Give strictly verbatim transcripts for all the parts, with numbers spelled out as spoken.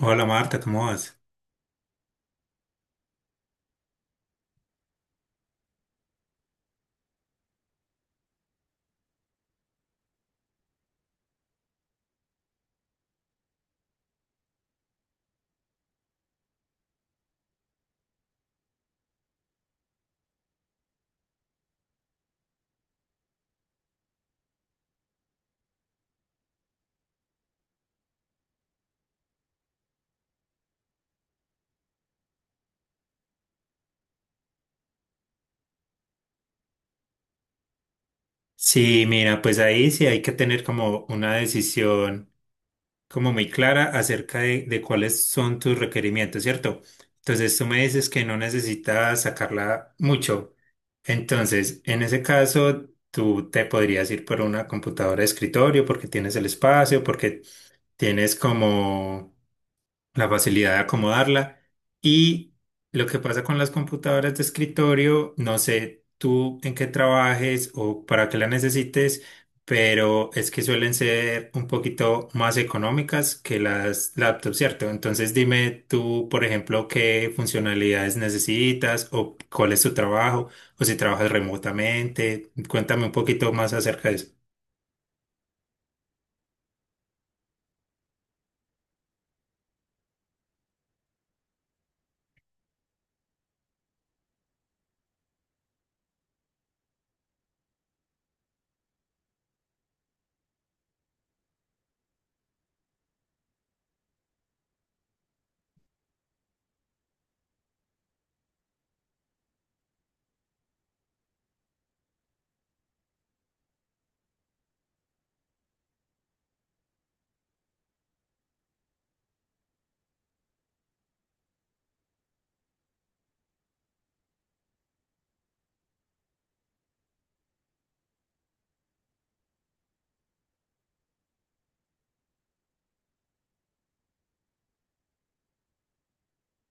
Hola Marta, ¿cómo vas? Sí, mira, pues ahí sí hay que tener como una decisión como muy clara acerca de, de cuáles son tus requerimientos, ¿cierto? Entonces tú me dices que no necesitas sacarla mucho. Entonces, en ese caso, tú te podrías ir por una computadora de escritorio porque tienes el espacio, porque tienes como la facilidad de acomodarla. Y lo que pasa con las computadoras de escritorio, no sé tú en qué trabajes o para qué la necesites, pero es que suelen ser un poquito más económicas que las laptops, ¿cierto? Entonces dime tú, por ejemplo, qué funcionalidades necesitas o cuál es tu trabajo o si trabajas remotamente. Cuéntame un poquito más acerca de eso.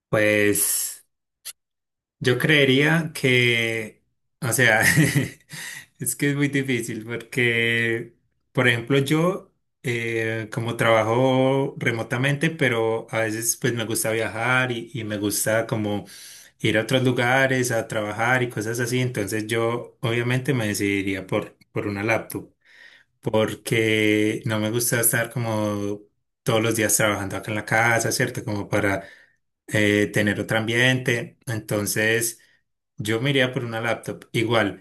Pues. Yo creería que, o sea, es que es muy difícil porque, por ejemplo, yo eh, como trabajo remotamente, pero a veces pues me gusta viajar y, y me gusta como ir a otros lugares a trabajar y cosas así, entonces yo obviamente me decidiría por, por una laptop porque no me gusta estar como todos los días trabajando acá en la casa, ¿cierto? Como para eh, tener otro ambiente. Entonces, yo me iría por una laptop. Igual,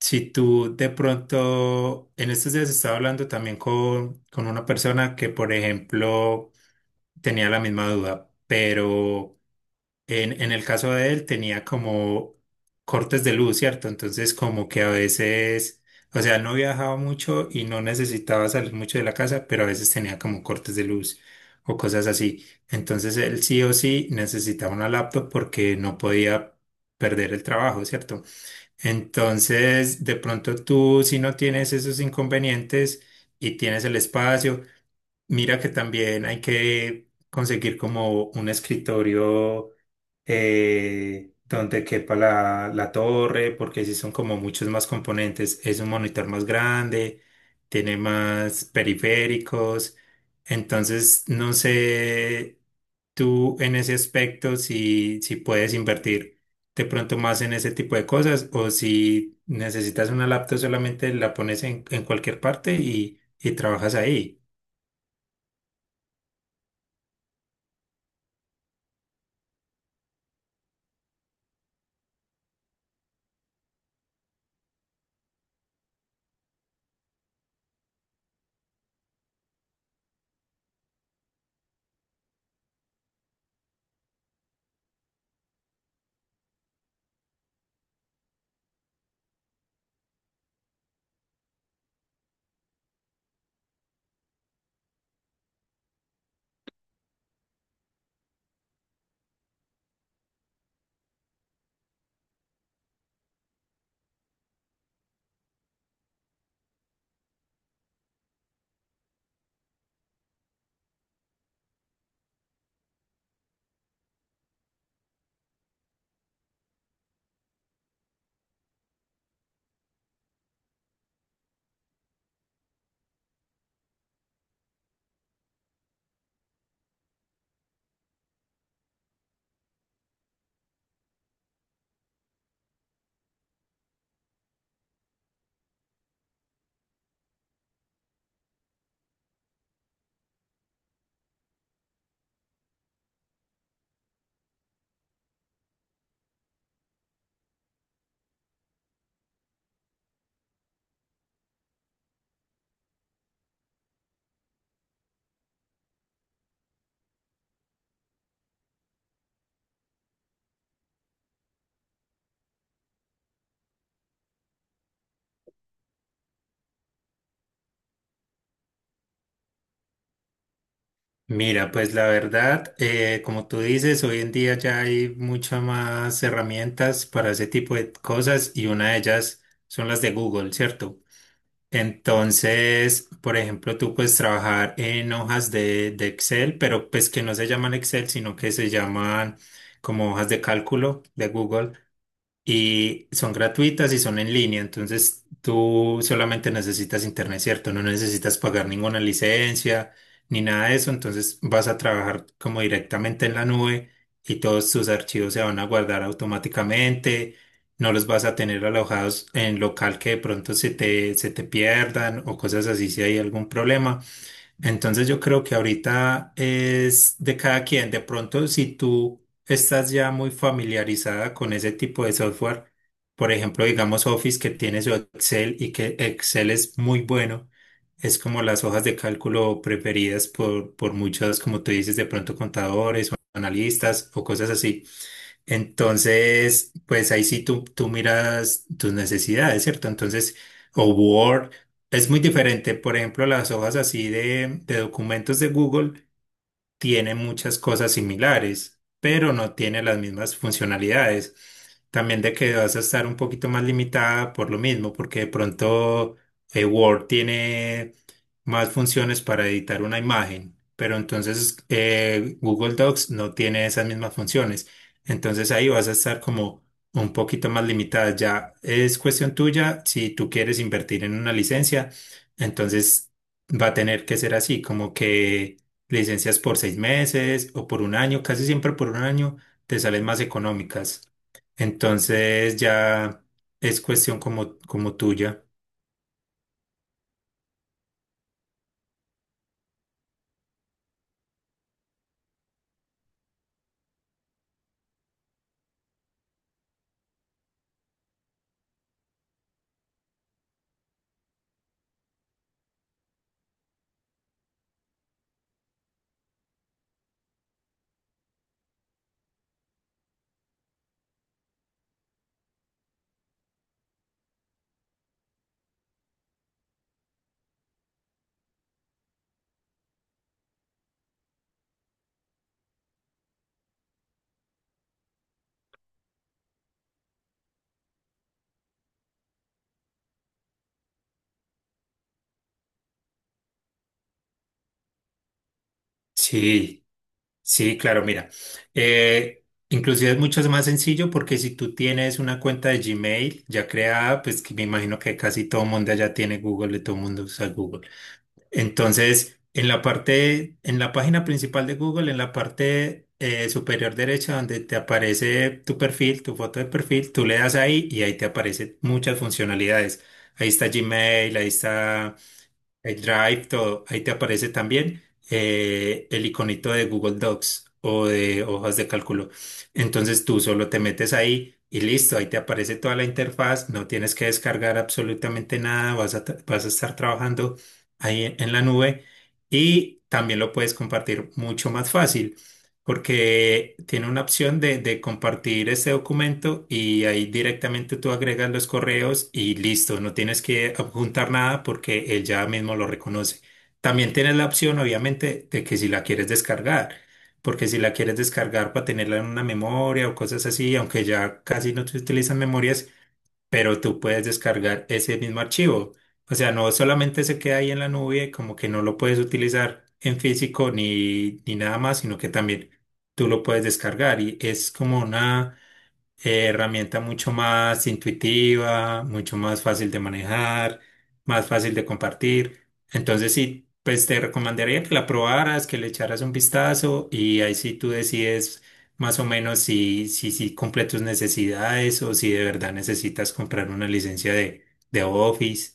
si tú de pronto, en estos días estaba hablando también con, con una persona que, por ejemplo, tenía la misma duda, pero en, en el caso de él tenía como cortes de luz, ¿cierto? Entonces como que a veces, o sea, no viajaba mucho y no necesitaba salir mucho de la casa, pero a veces tenía como cortes de luz o cosas así. Entonces él sí o sí necesitaba una laptop porque no podía perder el trabajo, ¿cierto? Entonces, de pronto tú si no tienes esos inconvenientes y tienes el espacio, mira que también hay que conseguir como un escritorio eh, donde quepa la, la torre, porque si son como muchos más componentes, es un monitor más grande, tiene más periféricos, entonces no sé tú en ese aspecto si, si puedes invertir de pronto más en ese tipo de cosas o si necesitas una laptop solamente la pones en, en cualquier parte y, y trabajas ahí. Mira, pues la verdad, eh, como tú dices, hoy en día ya hay muchas más herramientas para ese tipo de cosas y una de ellas son las de Google, ¿cierto? Entonces, por ejemplo, tú puedes trabajar en hojas de, de Excel, pero pues que no se llaman Excel, sino que se llaman como hojas de cálculo de Google y son gratuitas y son en línea, entonces tú solamente necesitas internet, ¿cierto? No necesitas pagar ninguna licencia ni nada de eso, entonces vas a trabajar como directamente en la nube y todos tus archivos se van a guardar automáticamente, no los vas a tener alojados en local que de pronto se te, se te pierdan o cosas así si hay algún problema. Entonces yo creo que ahorita es de cada quien. De pronto, si tú estás ya muy familiarizada con ese tipo de software, por ejemplo, digamos Office que tiene su Excel y que Excel es muy bueno, es como las hojas de cálculo preferidas por, por muchos, como tú dices, de pronto contadores o analistas o cosas así. Entonces, pues ahí sí tú, tú miras tus necesidades, ¿cierto? Entonces, o Word es muy diferente. Por ejemplo, las hojas así de, de documentos de Google tiene muchas cosas similares, pero no tiene las mismas funcionalidades. También de que vas a estar un poquito más limitada por lo mismo, porque de pronto eh, Word tiene más funciones para editar una imagen, pero entonces eh, Google Docs no tiene esas mismas funciones. Entonces ahí vas a estar como un poquito más limitada. Ya es cuestión tuya si tú quieres invertir en una licencia, entonces va a tener que ser así, como que licencias por seis meses o por un año, casi siempre por un año te salen más económicas. Entonces ya es cuestión como, como tuya. Sí, sí, claro, mira. eh, Inclusive es mucho más sencillo porque si tú tienes una cuenta de Gmail ya creada, pues que me imagino que casi todo el mundo allá tiene Google, de todo el mundo usa Google. Entonces, en la parte, en la página principal de Google, en la parte eh, superior derecha donde te aparece tu perfil, tu foto de perfil, tú le das ahí y ahí te aparecen muchas funcionalidades. Ahí está Gmail, ahí está el Drive, todo, ahí te aparece también eh, el iconito de Google Docs o de hojas de cálculo. Entonces tú solo te metes ahí y listo, ahí te aparece toda la interfaz, no tienes que descargar absolutamente nada, vas a, tra- vas a estar trabajando ahí en en la nube y también lo puedes compartir mucho más fácil. Porque tiene una opción de, de compartir este documento y ahí directamente tú agregas los correos y listo, no tienes que adjuntar nada porque él ya mismo lo reconoce. También tienes la opción, obviamente, de que si la quieres descargar, porque si la quieres descargar para tenerla en una memoria o cosas así, aunque ya casi no se utilizan memorias, pero tú puedes descargar ese mismo archivo. O sea, no solamente se queda ahí en la nube, como que no lo puedes utilizar en físico ni, ni nada más, sino que también tú lo puedes descargar y es como una eh, herramienta mucho más intuitiva, mucho más fácil de manejar, más fácil de compartir. Entonces sí, pues te recomendaría que la probaras, que le echaras un vistazo y ahí sí tú decides más o menos si, si, si cumple tus necesidades o si de verdad necesitas comprar una licencia de, de Office.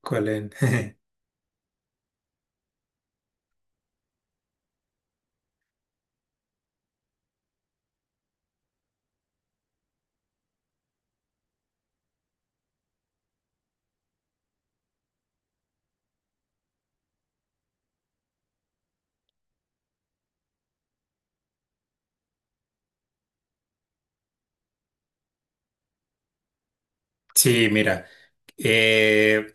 ¿Cuál es? Sí, mira. eh,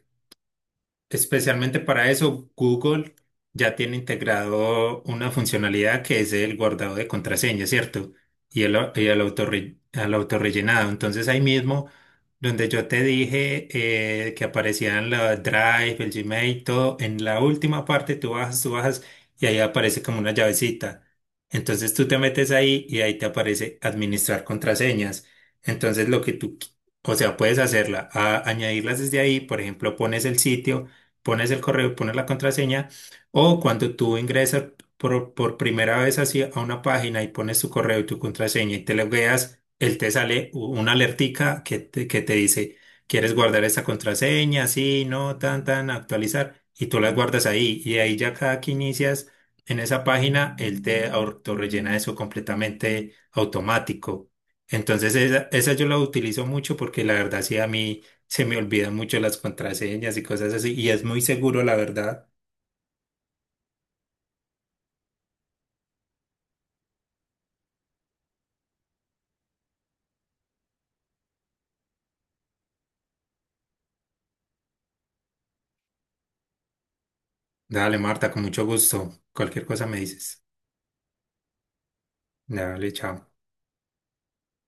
Especialmente para eso, Google ya tiene integrado una funcionalidad que es el guardado de contraseña, ¿cierto? Y el, au- y el autorre- al autorrellenado. Entonces ahí mismo, donde yo te dije eh, que aparecían la Drive, el Gmail, todo, en la última parte tú bajas, tú bajas y ahí aparece como una llavecita. Entonces tú te metes ahí y ahí te aparece administrar contraseñas. Entonces lo que tú, qui- o sea, puedes hacerla, a- añadirlas desde ahí, por ejemplo, pones el sitio pones el correo y pones la contraseña, o cuando tú ingresas por, por primera vez así a una página y pones tu correo y tu contraseña y te logueas, él te sale u- una alertica que te, que te dice, ¿quieres guardar esa contraseña? Sí, no, tan, tan, actualizar, y tú las guardas ahí, y ahí ya cada que inicias en esa página, él te autorrellena eso completamente automático. Entonces esa, esa yo la utilizo mucho porque la verdad sí a mí se me olvidan mucho las contraseñas y cosas así. Y es muy seguro, la verdad. Dale, Marta, con mucho gusto. Cualquier cosa me dices. Dale, chao.